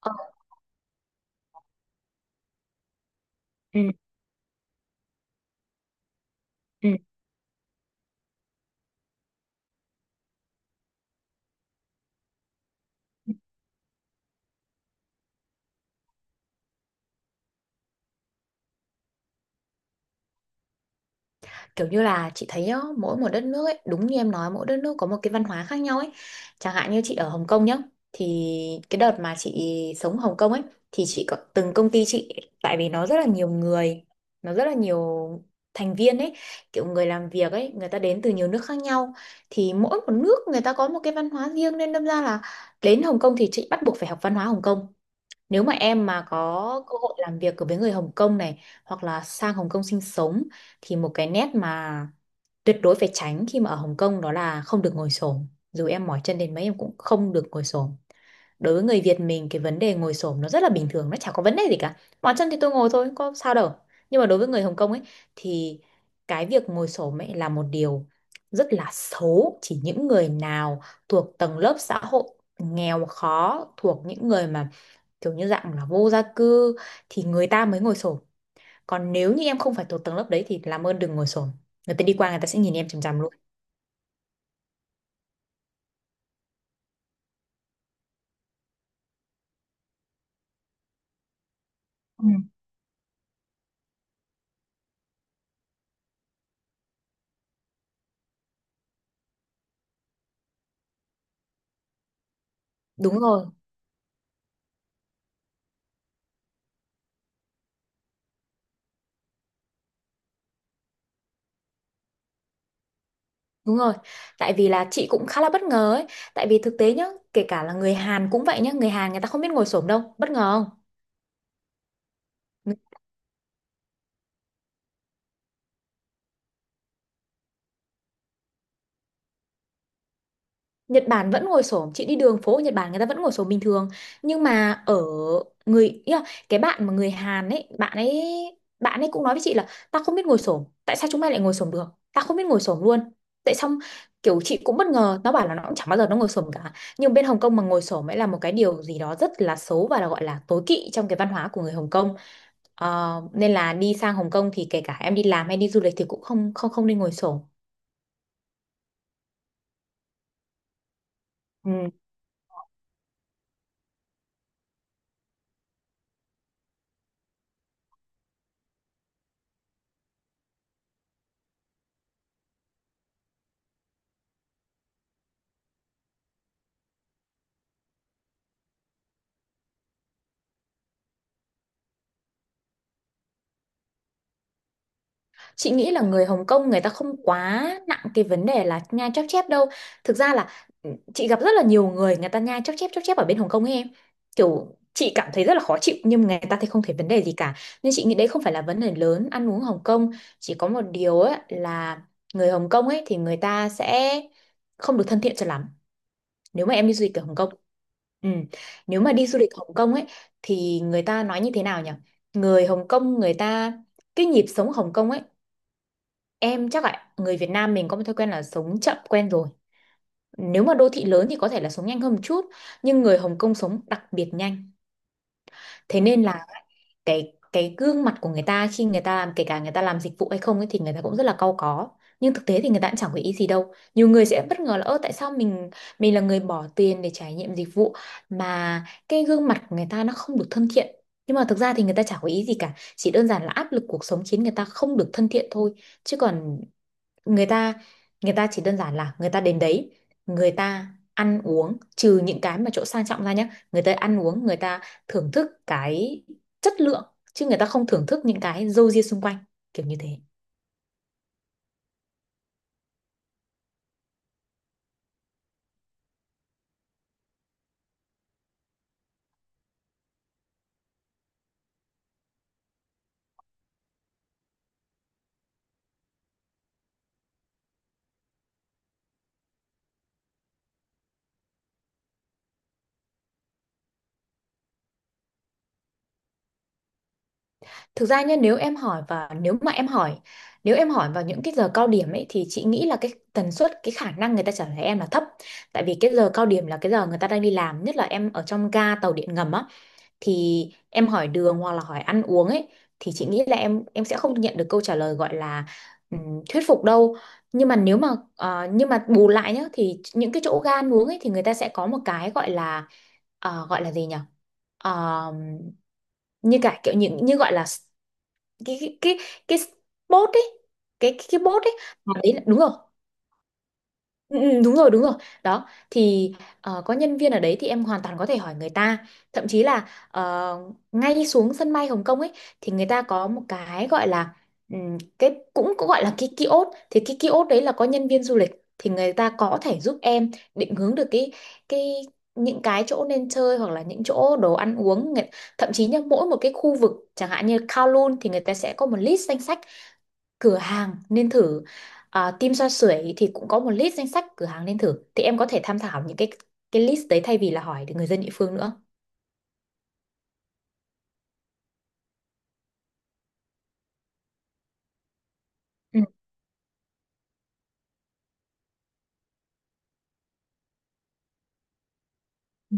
Ờ, ừ, ừ. Kiểu như là chị thấy á, mỗi một đất nước ấy, đúng như em nói mỗi đất nước có một cái văn hóa khác nhau ấy. Chẳng hạn như chị ở Hồng Kông nhá, thì cái đợt mà chị sống Hồng Kông ấy thì chị có từng công ty chị, tại vì nó rất là nhiều người, nó rất là nhiều thành viên ấy, kiểu người làm việc ấy, người ta đến từ nhiều nước khác nhau, thì mỗi một nước người ta có một cái văn hóa riêng, nên đâm ra là đến Hồng Kông thì chị bắt buộc phải học văn hóa Hồng Kông. Nếu mà em mà có cơ hội làm việc với người Hồng Kông này, hoặc là sang Hồng Kông sinh sống, thì một cái nét mà tuyệt đối phải tránh khi mà ở Hồng Kông đó là không được ngồi xổm. Dù em mỏi chân đến mấy em cũng không được ngồi xổm. Đối với người Việt mình cái vấn đề ngồi xổm nó rất là bình thường, nó chả có vấn đề gì cả. Mỏi chân thì tôi ngồi thôi, có sao đâu. Nhưng mà đối với người Hồng Kông ấy thì cái việc ngồi xổm ấy là một điều rất là xấu, chỉ những người nào thuộc tầng lớp xã hội nghèo khó, thuộc những người mà kiểu như dạng là vô gia cư thì người ta mới ngồi xổm, còn nếu như em không phải thuộc tầng lớp đấy thì làm ơn đừng ngồi xổm. Người ta đi qua người ta sẽ nhìn em chằm chằm luôn. Ừ. Đúng rồi, đúng rồi. Tại vì là chị cũng khá là bất ngờ ấy, tại vì thực tế nhá, kể cả là người Hàn cũng vậy nhá, người Hàn người ta không biết ngồi xổm đâu, bất ngờ không? Nhật Bản vẫn ngồi xổm, chị đi đường phố ở Nhật Bản người ta vẫn ngồi xổm bình thường, nhưng mà ở người ý là cái bạn mà người Hàn ấy, bạn ấy cũng nói với chị là ta không biết ngồi xổm, tại sao chúng mày lại ngồi xổm được, ta không biết ngồi xổm luôn. Tại xong kiểu chị cũng bất ngờ, nó bảo là nó cũng chẳng bao giờ nó ngồi xổm cả, nhưng bên Hồng Kông mà ngồi xổm ấy là một cái điều gì đó rất là xấu, và là gọi là tối kỵ trong cái văn hóa của người Hồng Kông. Ờ, nên là đi sang Hồng Kông thì kể cả em đi làm hay đi du lịch thì cũng không không không nên ngồi xổm. Ừ. Chị nghĩ là người Hồng Kông người ta không quá nặng cái vấn đề là nhai chóp chép đâu. Thực ra là chị gặp rất là nhiều người, người ta nhai chóp chép ở bên Hồng Kông ấy em. Kiểu chị cảm thấy rất là khó chịu nhưng người ta thì không thấy vấn đề gì cả. Nên chị nghĩ đấy không phải là vấn đề lớn ăn uống Hồng Kông. Chỉ có một điều ấy là người Hồng Kông ấy thì người ta sẽ không được thân thiện cho lắm, nếu mà em đi du lịch ở Hồng Kông. Ừ. Nếu mà đi du lịch Hồng Kông ấy thì người ta nói như thế nào nhỉ? Người Hồng Kông người ta, cái nhịp sống Hồng Kông ấy, em chắc là người Việt Nam mình có một thói quen là sống chậm quen rồi. Nếu mà đô thị lớn thì có thể là sống nhanh hơn một chút, nhưng người Hồng Kông sống đặc biệt nhanh. Thế nên là cái gương mặt của người ta khi người ta làm, kể cả người ta làm dịch vụ hay không ấy, thì người ta cũng rất là cau có. Nhưng thực tế thì người ta cũng chẳng có ý gì đâu. Nhiều người sẽ bất ngờ là, ơ tại sao mình là người bỏ tiền để trải nghiệm dịch vụ mà cái gương mặt của người ta nó không được thân thiện. Nhưng mà thực ra thì người ta chả có ý gì cả, chỉ đơn giản là áp lực cuộc sống khiến người ta không được thân thiện thôi. Chứ còn người ta người ta chỉ đơn giản là người ta đến đấy, người ta ăn uống, trừ những cái mà chỗ sang trọng ra nhé, người ta ăn uống người ta thưởng thức cái chất lượng, chứ người ta không thưởng thức những cái râu ria xung quanh, kiểu như thế. Thực ra nhé, nếu em hỏi và nếu mà em hỏi nếu em hỏi vào những cái giờ cao điểm ấy thì chị nghĩ là cái tần suất, cái khả năng người ta trả lời em là thấp, tại vì cái giờ cao điểm là cái giờ người ta đang đi làm, nhất là em ở trong ga tàu điện ngầm á, thì em hỏi đường hoặc là hỏi ăn uống ấy, thì chị nghĩ là em sẽ không nhận được câu trả lời gọi là thuyết phục đâu. Nhưng mà nếu mà ờ, Nhưng mà bù lại nhá, thì những cái chỗ ga ăn uống ấy thì người ta sẽ có một cái gọi là, gọi là gì nhỉ? Ờ, như cả kiểu những như gọi là s- cái cái cái, cái spot ấy, cái bốt ấy, đúng rồi. Ừ, ừ, đúng rồi, đúng rồi. Đó thì có nhân viên ở đấy thì em hoàn toàn có thể hỏi người ta, thậm chí là, ngay xuống sân bay Hồng Kông ấy thì người ta có một cái gọi là, cái cũng cũng gọi là cái kiosk, thì cái kiosk đấy là có nhân viên du lịch thì người ta có thể giúp em định hướng được cái những cái chỗ nên chơi hoặc là những chỗ đồ ăn uống. Thậm chí nhá, mỗi một cái khu vực chẳng hạn như Kowloon thì người ta sẽ có một list danh sách cửa hàng nên thử, à, Tim Xoa Sưởi thì cũng có một list danh sách cửa hàng nên thử, thì em có thể tham khảo những cái list đấy thay vì là hỏi người dân địa phương nữa. Ừ. Ừ.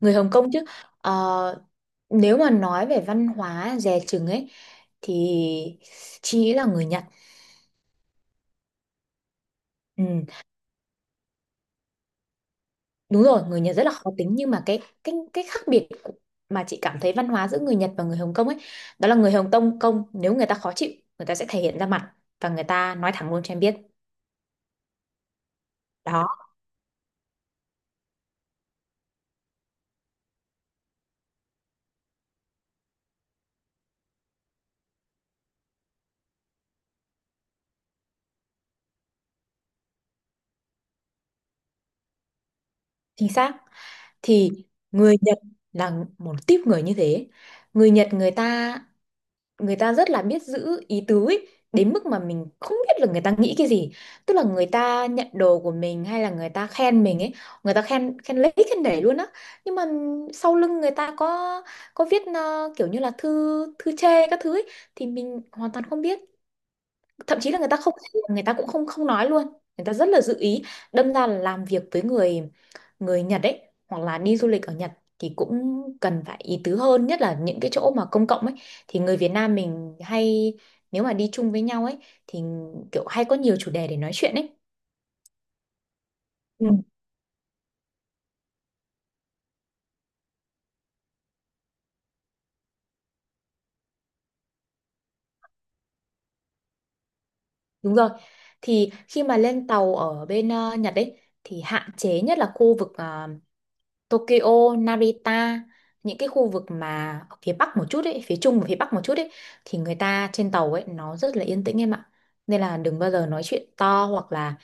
Người Hồng Kông chứ. Ờ, nếu mà nói về văn hóa dè chừng ấy thì chị nghĩ là người Nhật. Ừ, đúng rồi, người Nhật rất là khó tính, nhưng mà cái khác biệt mà chị cảm thấy văn hóa giữa người Nhật và người Hồng Kông ấy, đó là người Hồng Kông Kông nếu người ta khó chịu người ta sẽ thể hiện ra mặt, và người ta nói thẳng luôn cho em biết. Đó, chính xác. Thì người Nhật là một típ người như thế. Người Nhật người ta rất là biết giữ ý tứ ấy, đến mức mà mình không biết là người ta nghĩ cái gì. Tức là người ta nhận đồ của mình hay là người ta khen mình ấy, người ta khen, khen lấy khen để luôn á, nhưng mà sau lưng người ta có viết kiểu như là thư, thư chê các thứ ấy, thì mình hoàn toàn không biết, thậm chí là người ta cũng không không nói luôn, người ta rất là giữ ý. Đâm ra là làm việc với người người Nhật ấy, hoặc là đi du lịch ở Nhật, thì cũng cần phải ý tứ hơn, nhất là những cái chỗ mà công cộng ấy, thì người Việt Nam mình hay, nếu mà đi chung với nhau ấy, thì kiểu hay có nhiều chủ đề để nói chuyện ấy. Ừ. Đúng rồi, thì khi mà lên tàu ở bên Nhật ấy, thì hạn chế nhất là khu vực Tokyo, Narita, những cái khu vực mà ở phía bắc một chút ấy, phía trung và phía bắc một chút ấy, thì người ta trên tàu ấy nó rất là yên tĩnh em ạ. Nên là đừng bao giờ nói chuyện to, hoặc là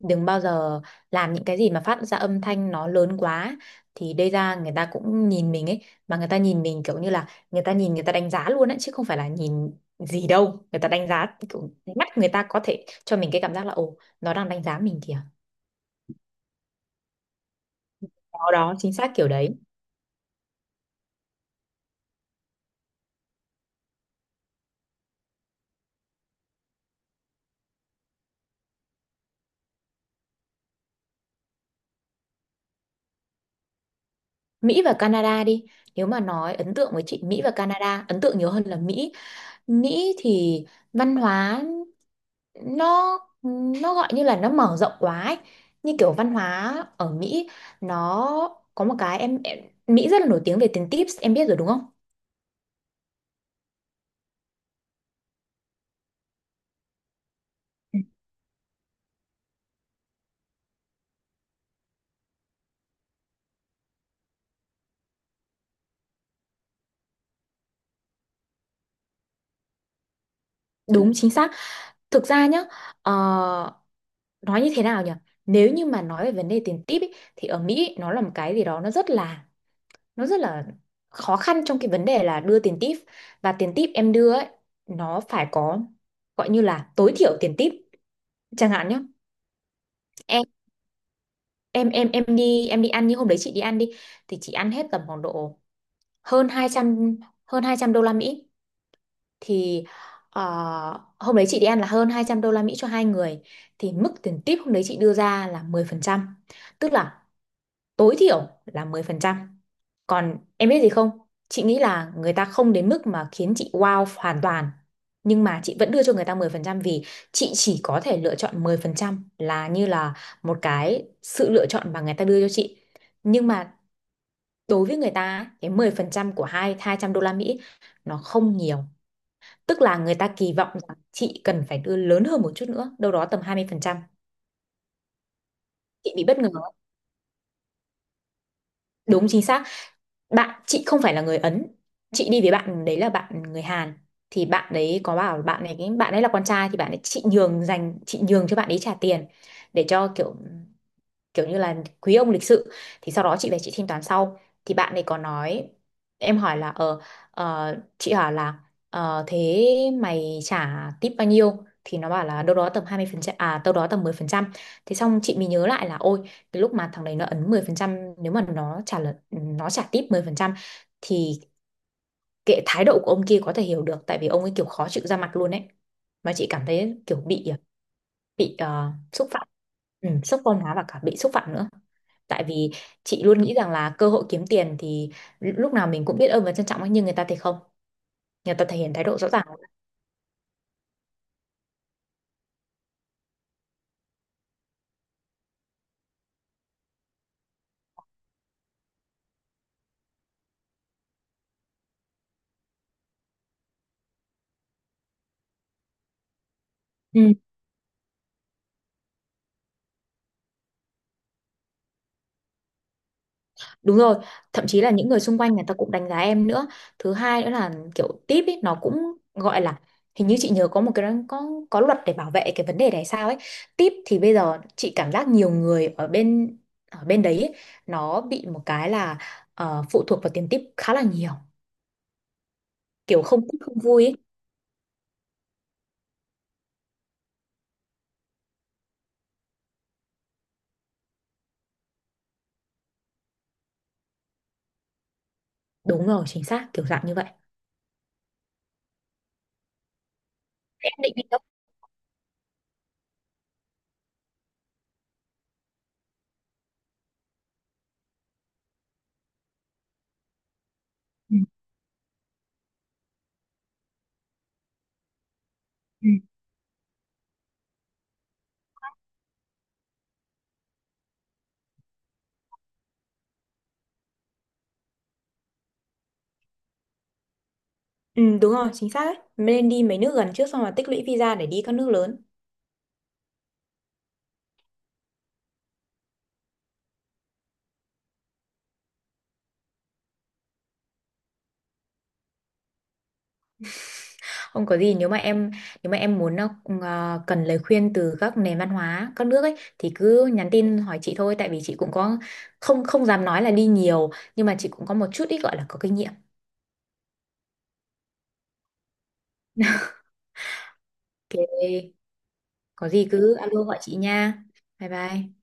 đừng bao giờ làm những cái gì mà phát ra âm thanh nó lớn quá, thì đây ra người ta cũng nhìn mình ấy, mà người ta nhìn mình kiểu như là người ta nhìn, người ta đánh giá luôn ấy, chứ không phải là nhìn gì đâu. Người ta đánh giá, kiểu mắt người ta có thể cho mình cái cảm giác là, ồ nó đang đánh giá mình kìa. Đó đó, chính xác kiểu đấy. Mỹ và Canada đi, nếu mà nói ấn tượng với chị Mỹ và Canada, ấn tượng nhiều hơn là Mỹ. Mỹ thì văn hóa nó nó gọi như là nó mở rộng quá ấy. Như kiểu văn hóa ở Mỹ nó có một cái em, Mỹ rất là nổi tiếng về tiền tips, em biết rồi đúng không? Ừ. Đúng chính xác. Thực ra nhá, ờ, nói như thế nào nhỉ? Nếu như mà nói về vấn đề tiền tip ý, thì ở Mỹ nó là một cái gì đó nó rất là khó khăn trong cái vấn đề là đưa tiền tip, và tiền tip em đưa ấy nó phải có, gọi như là tối thiểu tiền tip chẳng hạn nhé. Em em em em đi em đi ăn như hôm đấy chị đi ăn đi, thì chị ăn hết tầm khoảng độ hơn 200 hơn 200 đô la Mỹ. Thì, ờ, hôm đấy chị đi ăn là hơn 200 đô la Mỹ cho hai người, thì mức tiền tip hôm đấy chị đưa ra là 10%, tức là tối thiểu là 10%. Còn em biết gì không? Chị nghĩ là người ta không đến mức mà khiến chị wow hoàn toàn. Nhưng mà chị vẫn đưa cho người ta 10%, vì chị chỉ có thể lựa chọn 10% là như là một cái sự lựa chọn mà người ta đưa cho chị. Nhưng mà đối với người ta á, cái 10% của hai 200 đô la Mỹ nó không nhiều. Tức là người ta kỳ vọng rằng chị cần phải đưa lớn hơn một chút nữa, đâu đó tầm 20%. Chị bị bất ngờ. Đúng chính xác. Bạn chị không phải là người Ấn, chị đi với bạn đấy là bạn người Hàn, thì bạn đấy có bảo bạn này, cái bạn ấy là con trai thì bạn ấy, chị nhường dành chị nhường cho bạn ấy trả tiền, để cho kiểu kiểu như là quý ông lịch sự. Thì sau đó chị về chị thanh toán sau, thì bạn ấy có nói, em hỏi là ờ ờ, chị hỏi là, thế mày trả tip bao nhiêu, thì nó bảo là đâu đó tầm 20%, à đâu đó tầm 10%. Thế xong chị mới nhớ lại là ôi cái lúc mà thằng đấy nó ấn 10%, nếu mà nó trả tip 10% thì kệ, thái độ của ông kia có thể hiểu được, tại vì ông ấy kiểu khó chịu ra mặt luôn ấy, mà chị cảm thấy kiểu bị xúc phạm. Ừ, sốc văn hóa và cả bị xúc phạm nữa, tại vì chị luôn nghĩ rằng là cơ hội kiếm tiền thì lúc nào mình cũng biết ơn và trân trọng ấy, nhưng người ta thì không, người ta thể hiện thái độ rõ ràng. Ừ, đúng rồi, thậm chí là những người xung quanh người ta cũng đánh giá em nữa. Thứ hai nữa là kiểu tip ấy, nó cũng gọi là, hình như chị nhớ có một cái có luật để bảo vệ cái vấn đề này sao ấy. Tip thì bây giờ chị cảm giác nhiều người ở bên, ở bên đấy ấy, nó bị một cái là, phụ thuộc vào tiền tip khá là nhiều, kiểu không thích không vui ấy. Đúng rồi, chính xác, kiểu dạng như vậy. Em định đi đâu? Ừ. Ừ. Ừ, đúng rồi, chính xác đấy. Mình nên đi mấy nước gần trước xong rồi tích lũy visa để đi các nước lớn. Không có gì, nếu mà em, nếu mà em muốn, cần lời khuyên từ các nền văn hóa các nước ấy thì cứ nhắn tin hỏi chị thôi, tại vì chị cũng có, không không dám nói là đi nhiều, nhưng mà chị cũng có một chút ít gọi là có kinh nghiệm. Ok, có gì cứ alo gọi chị nha. Bye bye.